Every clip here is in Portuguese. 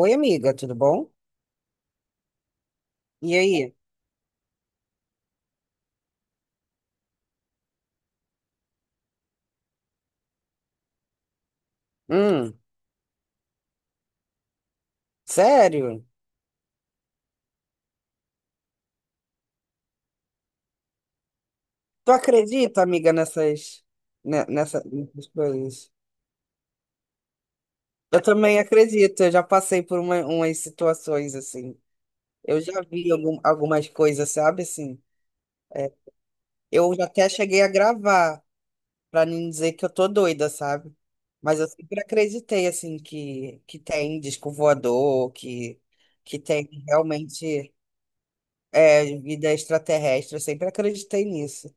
Oi, amiga, tudo bom? E aí? Hum, sério? Tu acredita, amiga, nessas coisas? Eu também acredito, eu já passei por umas situações assim. Eu já vi algumas coisas, sabe? Assim, eu já até cheguei a gravar, pra não dizer que eu tô doida, sabe? Mas eu sempre acreditei, assim, que tem disco voador, que tem realmente é, vida extraterrestre, eu sempre acreditei nisso.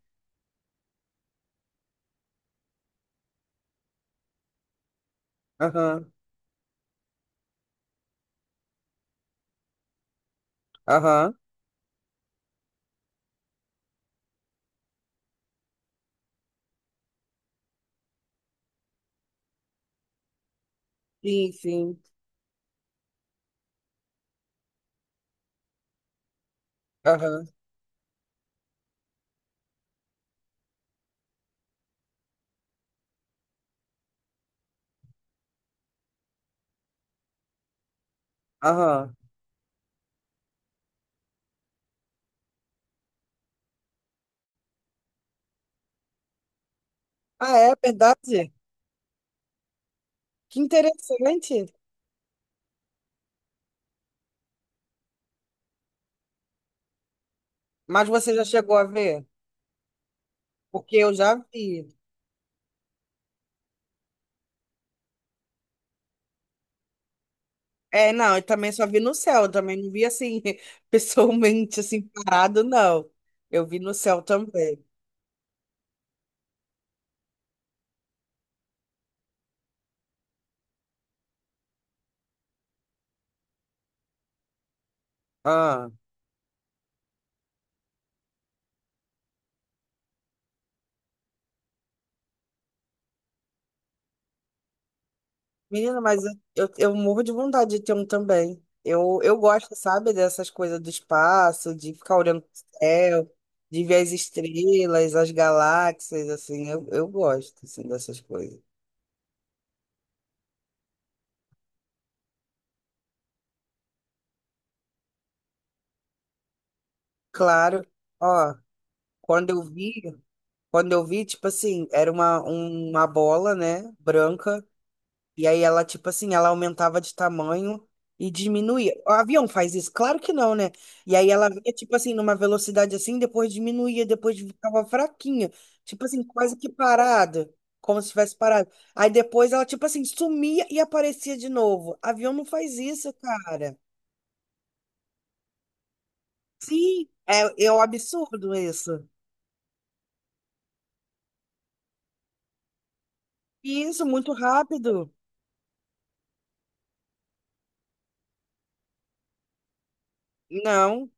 Aham. Aham. Sim, sim. Aham. Aham. Ah, é verdade? Que interessante. Mas você já chegou a ver? Porque eu já vi. É, não, eu também só vi no céu, eu também não vi assim, pessoalmente, assim, parado, não. Eu vi no céu também. Ah. Menina, mas eu morro de vontade de ter um também. Eu gosto, sabe, dessas coisas do espaço, de ficar olhando pro céu, de ver as estrelas, as galáxias, assim, eu gosto, assim, dessas coisas. Claro, ó, quando eu vi, quando eu vi, tipo assim, era uma bola, né, branca, e aí ela, tipo assim, ela aumentava de tamanho e diminuía. O avião faz isso? Claro que não, né? E aí ela vinha, tipo assim, numa velocidade assim, depois diminuía, depois ficava fraquinha, tipo assim, quase que parada, como se tivesse parado. Aí depois ela, tipo assim, sumia e aparecia de novo. Avião não faz isso, cara. Sim, é, é um absurdo isso. Isso, muito rápido. Não,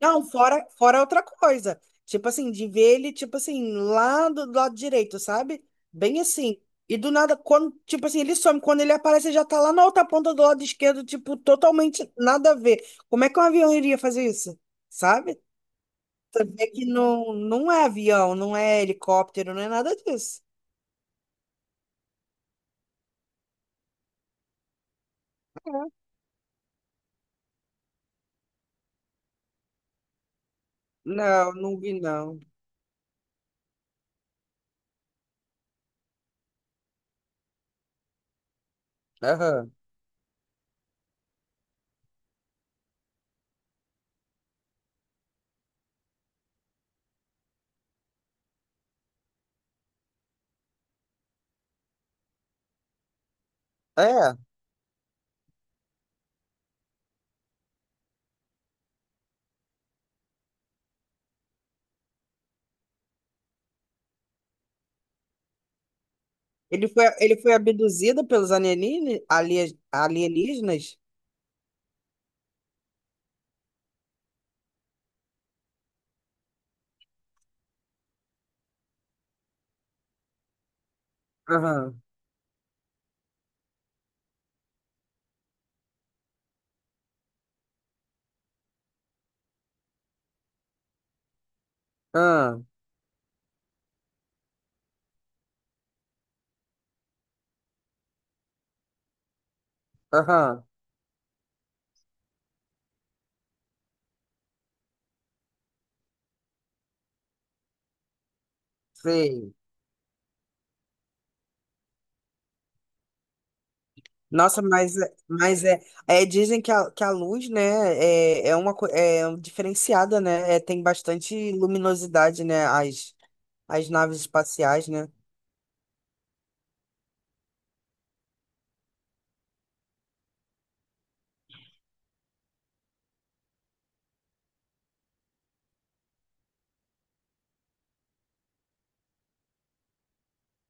não, fora outra coisa. Tipo assim, de ver ele, tipo assim, lá do lado direito, sabe? Bem assim. E do nada, quando, tipo assim, ele some, quando ele aparece, ele já tá lá na outra ponta do lado esquerdo, tipo, totalmente nada a ver. Como é que um avião iria fazer isso? Sabe? É que não, não é avião, não é helicóptero, não é nada disso. Não, não vi, não. Aham. É. Ele foi abduzido pelos alienígenas? Alienígenas? Aham. Aham. Aham. Sei. Nossa, mas é, é, dizem que a luz, né, é, é uma é um diferenciada, né? É, tem bastante luminosidade, né? As naves espaciais, né?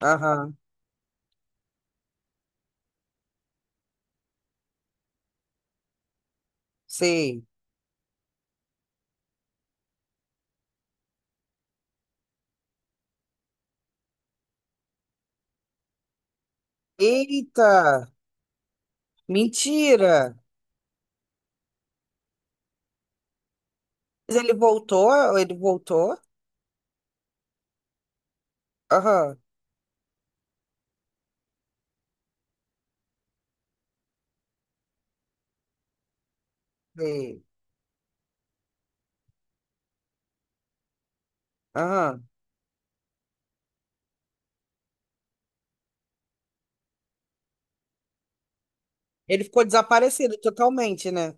Aham, sei. Eita, mentira! Mas ele voltou, ele voltou? Aham, sei. Aham. Ele ficou desaparecido totalmente, né?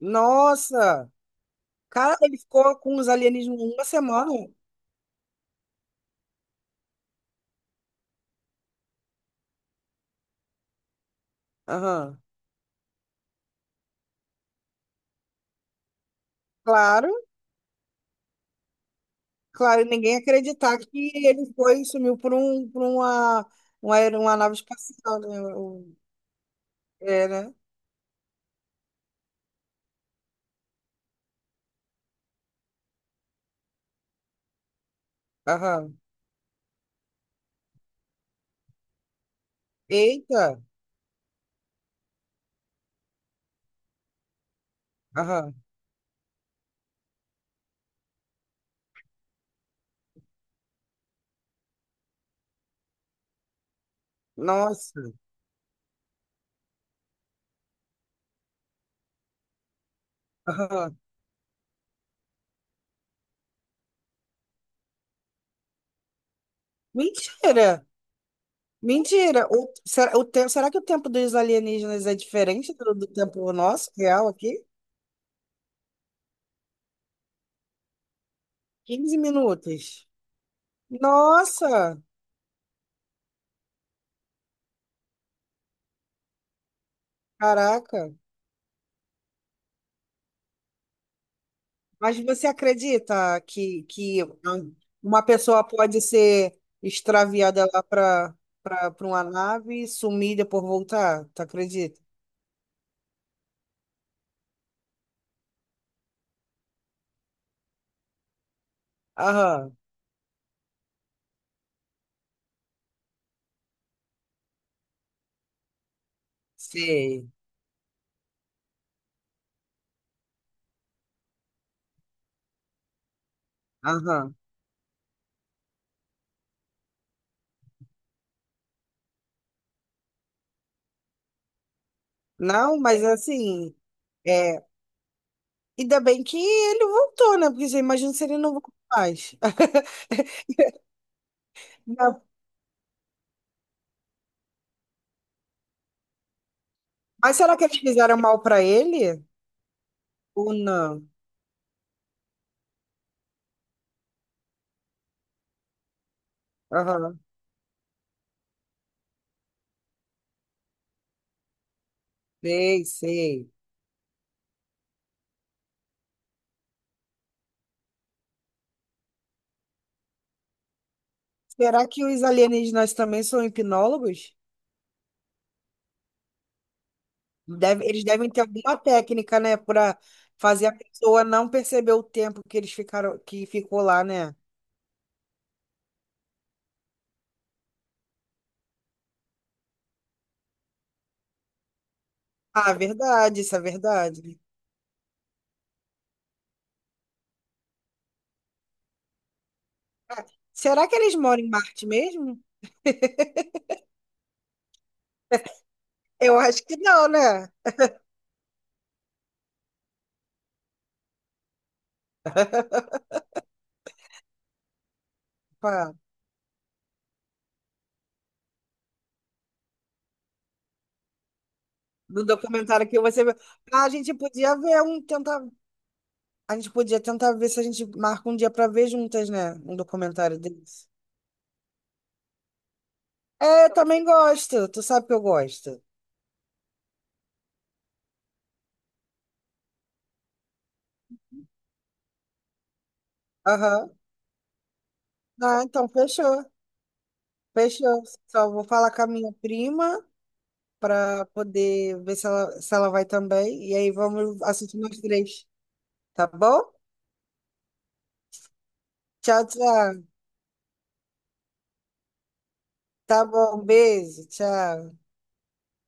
Nossa! Cara, ele ficou com os alienígenas uma semana. Aham. Claro. Claro, ninguém ia acreditar que ele foi e sumiu por uma, uma nave espacial, né? O- É, né? Aham. Eita! Aham. Nossa! Aham. Mentira! Mentira! Será, o tempo, será que o tempo dos alienígenas é diferente do tempo nosso, real aqui? 15 minutos. Nossa! Caraca! Mas você acredita que uma pessoa pode ser extraviada lá para uma nave e sumir e depois voltar? Tu acredita? Aham, sei. Aham. Não, mas assim, é, ainda bem que ele voltou, né? Porque você imagina se ele não voltou mais. Não. Mas será que eles fizeram mal para ele? Ou não? Aham, sei, sei. Será que os alienígenas também são hipnólogos? Deve- eles devem ter alguma técnica, né, para fazer a pessoa não perceber o tempo que eles ficaram, que ficou lá, né? Ah, verdade, isso é verdade. Ah, será que eles moram em Marte mesmo? Eu acho que não, né? Pá, no documentário que você viu. Ah, a gente podia ver um, tentar, a gente podia tentar ver se a gente marca um dia para ver juntas, né? Um documentário desse. É, eu também gosto. Tu sabe que eu gosto. Aham. Ah, então fechou. Fechou. Só vou falar com a minha prima, para poder ver se ela, se ela vai também. E aí vamos assistir nós três, tá bom? Tchau, tchau. Tá bom, beijo, tchau.